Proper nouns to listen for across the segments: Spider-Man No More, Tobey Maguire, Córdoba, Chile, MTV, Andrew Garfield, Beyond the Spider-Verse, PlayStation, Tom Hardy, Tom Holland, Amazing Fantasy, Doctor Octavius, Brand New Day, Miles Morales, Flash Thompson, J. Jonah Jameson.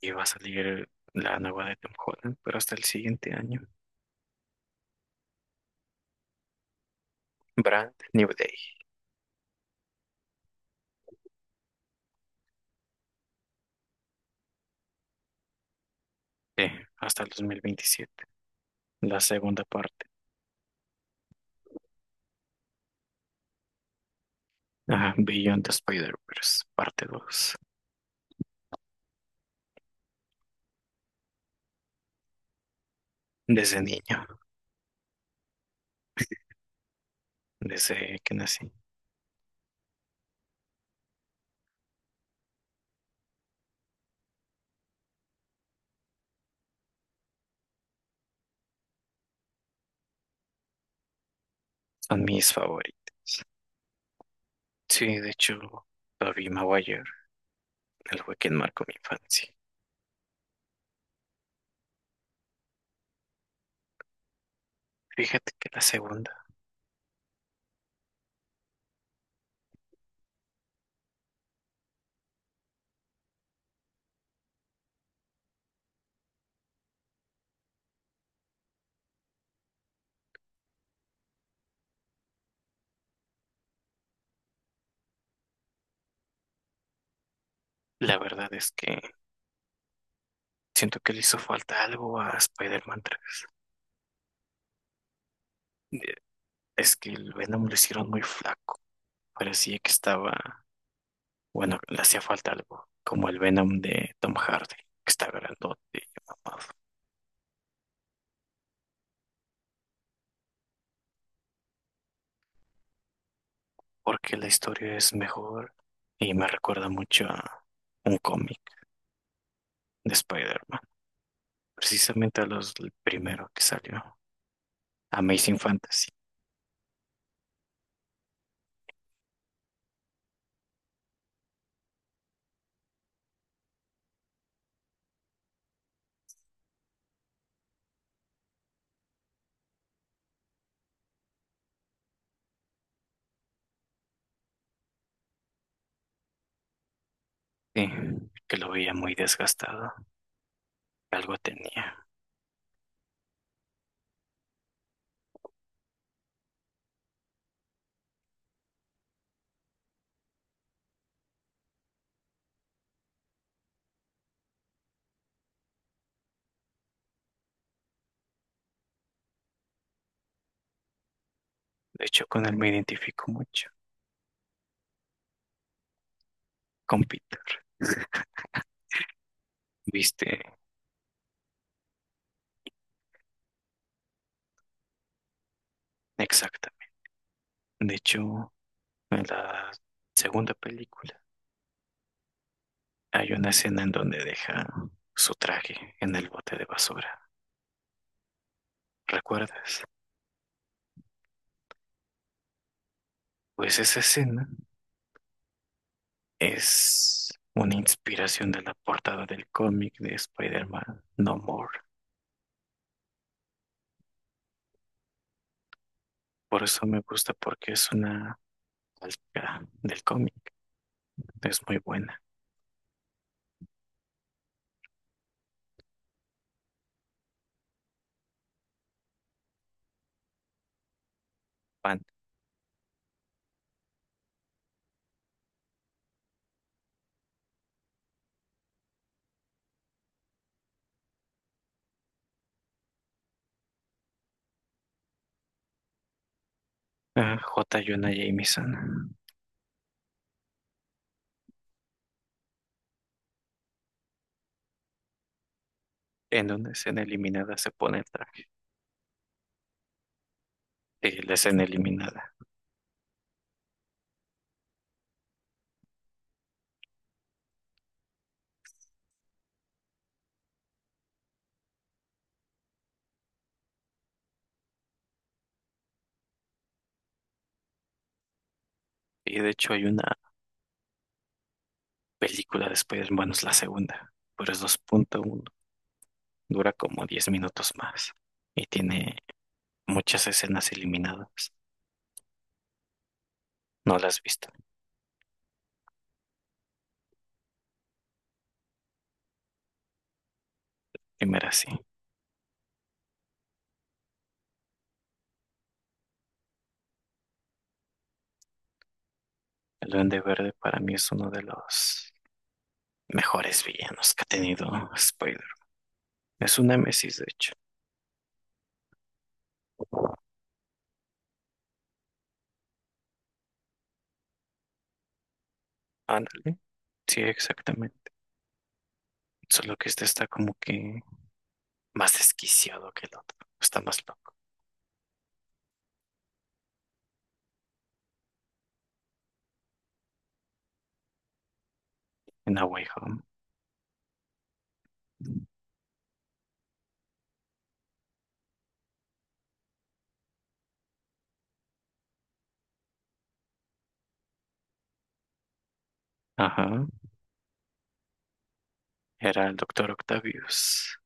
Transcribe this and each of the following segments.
Y va a salir la nueva de Tom Holland, pero hasta el siguiente año. Brand New Day, hasta el 2027, la segunda parte. Ajá, Beyond the Spider-Verse, parte dos. Desde niño, desde que nací, son mis favoritos. Sí, de hecho, Tobey Maguire, él fue quien marcó mi infancia. Fíjate que la segunda, la verdad es que siento que le hizo falta algo a Spider-Man 3. Eh, Es que el Venom lo hicieron muy flaco, parecía que estaba. Bueno, le hacía falta algo, como el Venom de Tom Hardy, que está grandote y mamado, porque la historia es mejor y me recuerda mucho a un cómic de Spider-Man, precisamente a los el primero que salió, Amazing Fantasy, sí, que lo veía muy desgastado, algo tenía. De hecho, con él me identifico mucho, con Peter, viste, exactamente. De hecho, en la segunda película. Hay una escena en donde deja su traje en el bote de basura. ¿Recuerdas? Pues esa escena es una inspiración de la portada del cómic de Spider-Man No More. Por eso me gusta porque es una calca del cómic. Es muy buena. Fan. Ah, J. Jonah Jameson. En una escena eliminada se pone el traje. Sí, la escena eliminada. Y de hecho hay una película de Spider-Man, es la segunda. Pero es 2.1. Dura como 10 minutos más y tiene muchas escenas eliminadas. No las has visto. Primera sí. El Duende Verde para mí es uno de los mejores villanos que ha tenido Spider. Es un némesis, de hecho. Ándale. Sí, exactamente. Solo que este está como que más desquiciado que el otro. Está más loco. En A Way Home. Ajá. Era el Doctor Octavius.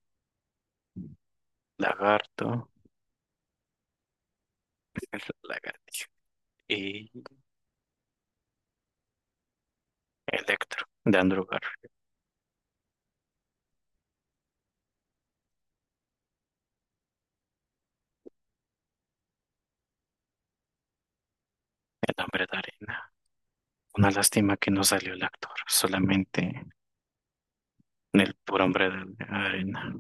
Lagarto, el Lagartijo y Electro de Andrew Garfield, el hombre de arena. Una lástima que no salió el actor, solamente en el puro hombre de arena.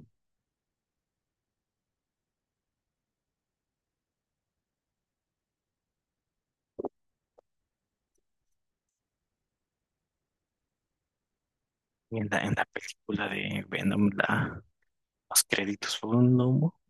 Y en la película de Venom, los créditos fueron un humo.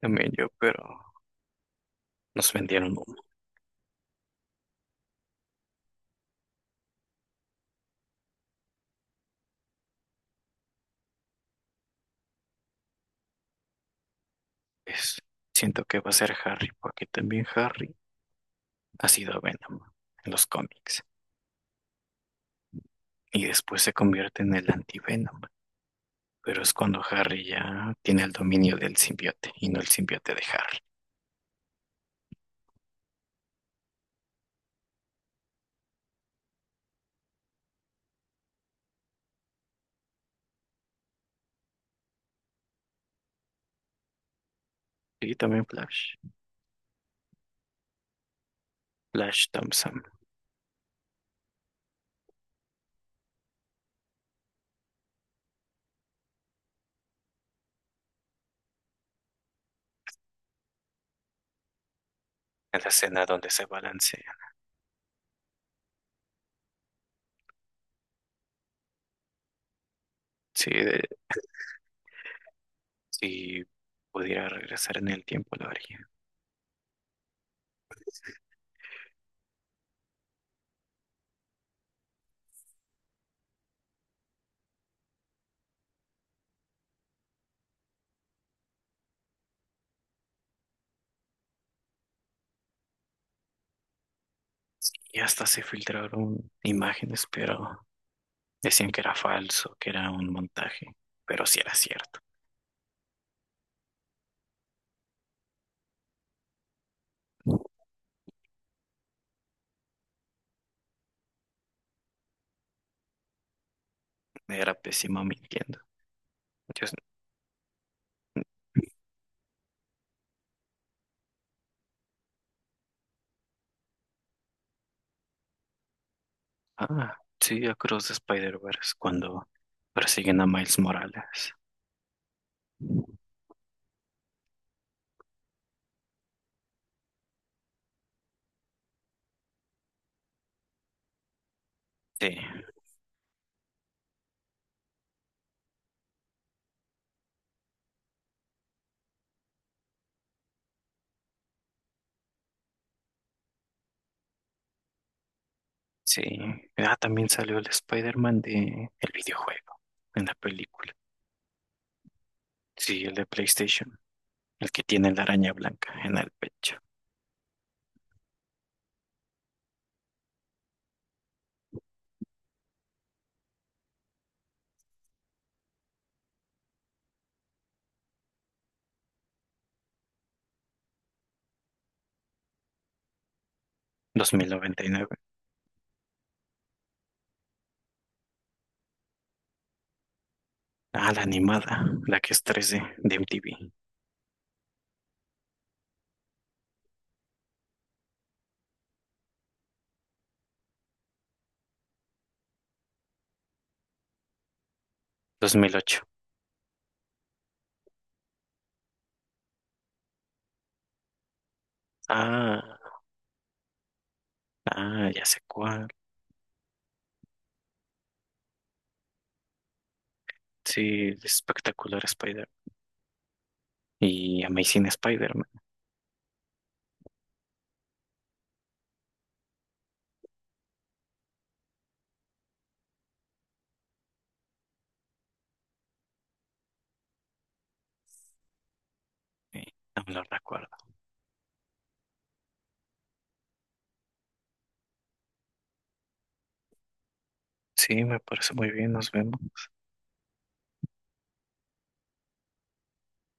También yo, pero nos vendieron humo. Pues, siento que va a ser Harry, porque también Harry ha sido Venom en los cómics. Y después se convierte en el anti-Venom. Pero es cuando Harry ya tiene el dominio del simbiote y no el simbiote de Harry. Y también Flash. Flash Thompson. En la escena donde se balancea. Si, si pudiera regresar en el tiempo, lo haría. Y hasta se filtraron imágenes, pero decían que era falso, que era un montaje. Pero sí era cierto. Era pésimo mintiendo. Yo. Ah, sí, Across the Spider-Verse, cuando persiguen a Miles Morales. Sí, sí. Ah, también salió el Spider-Man de el videojuego en la película. Sí, el de PlayStation. El que tiene la araña blanca en el pecho. 2099. Ah, la animada, la que es tres d de MTV. 2008. Ah, ah, ya sé cuál. Sí, espectacular Spider. Y Amazing Spider-Man. Eh, no me lo recuerdo. Sí, me parece muy bien, nos vemos.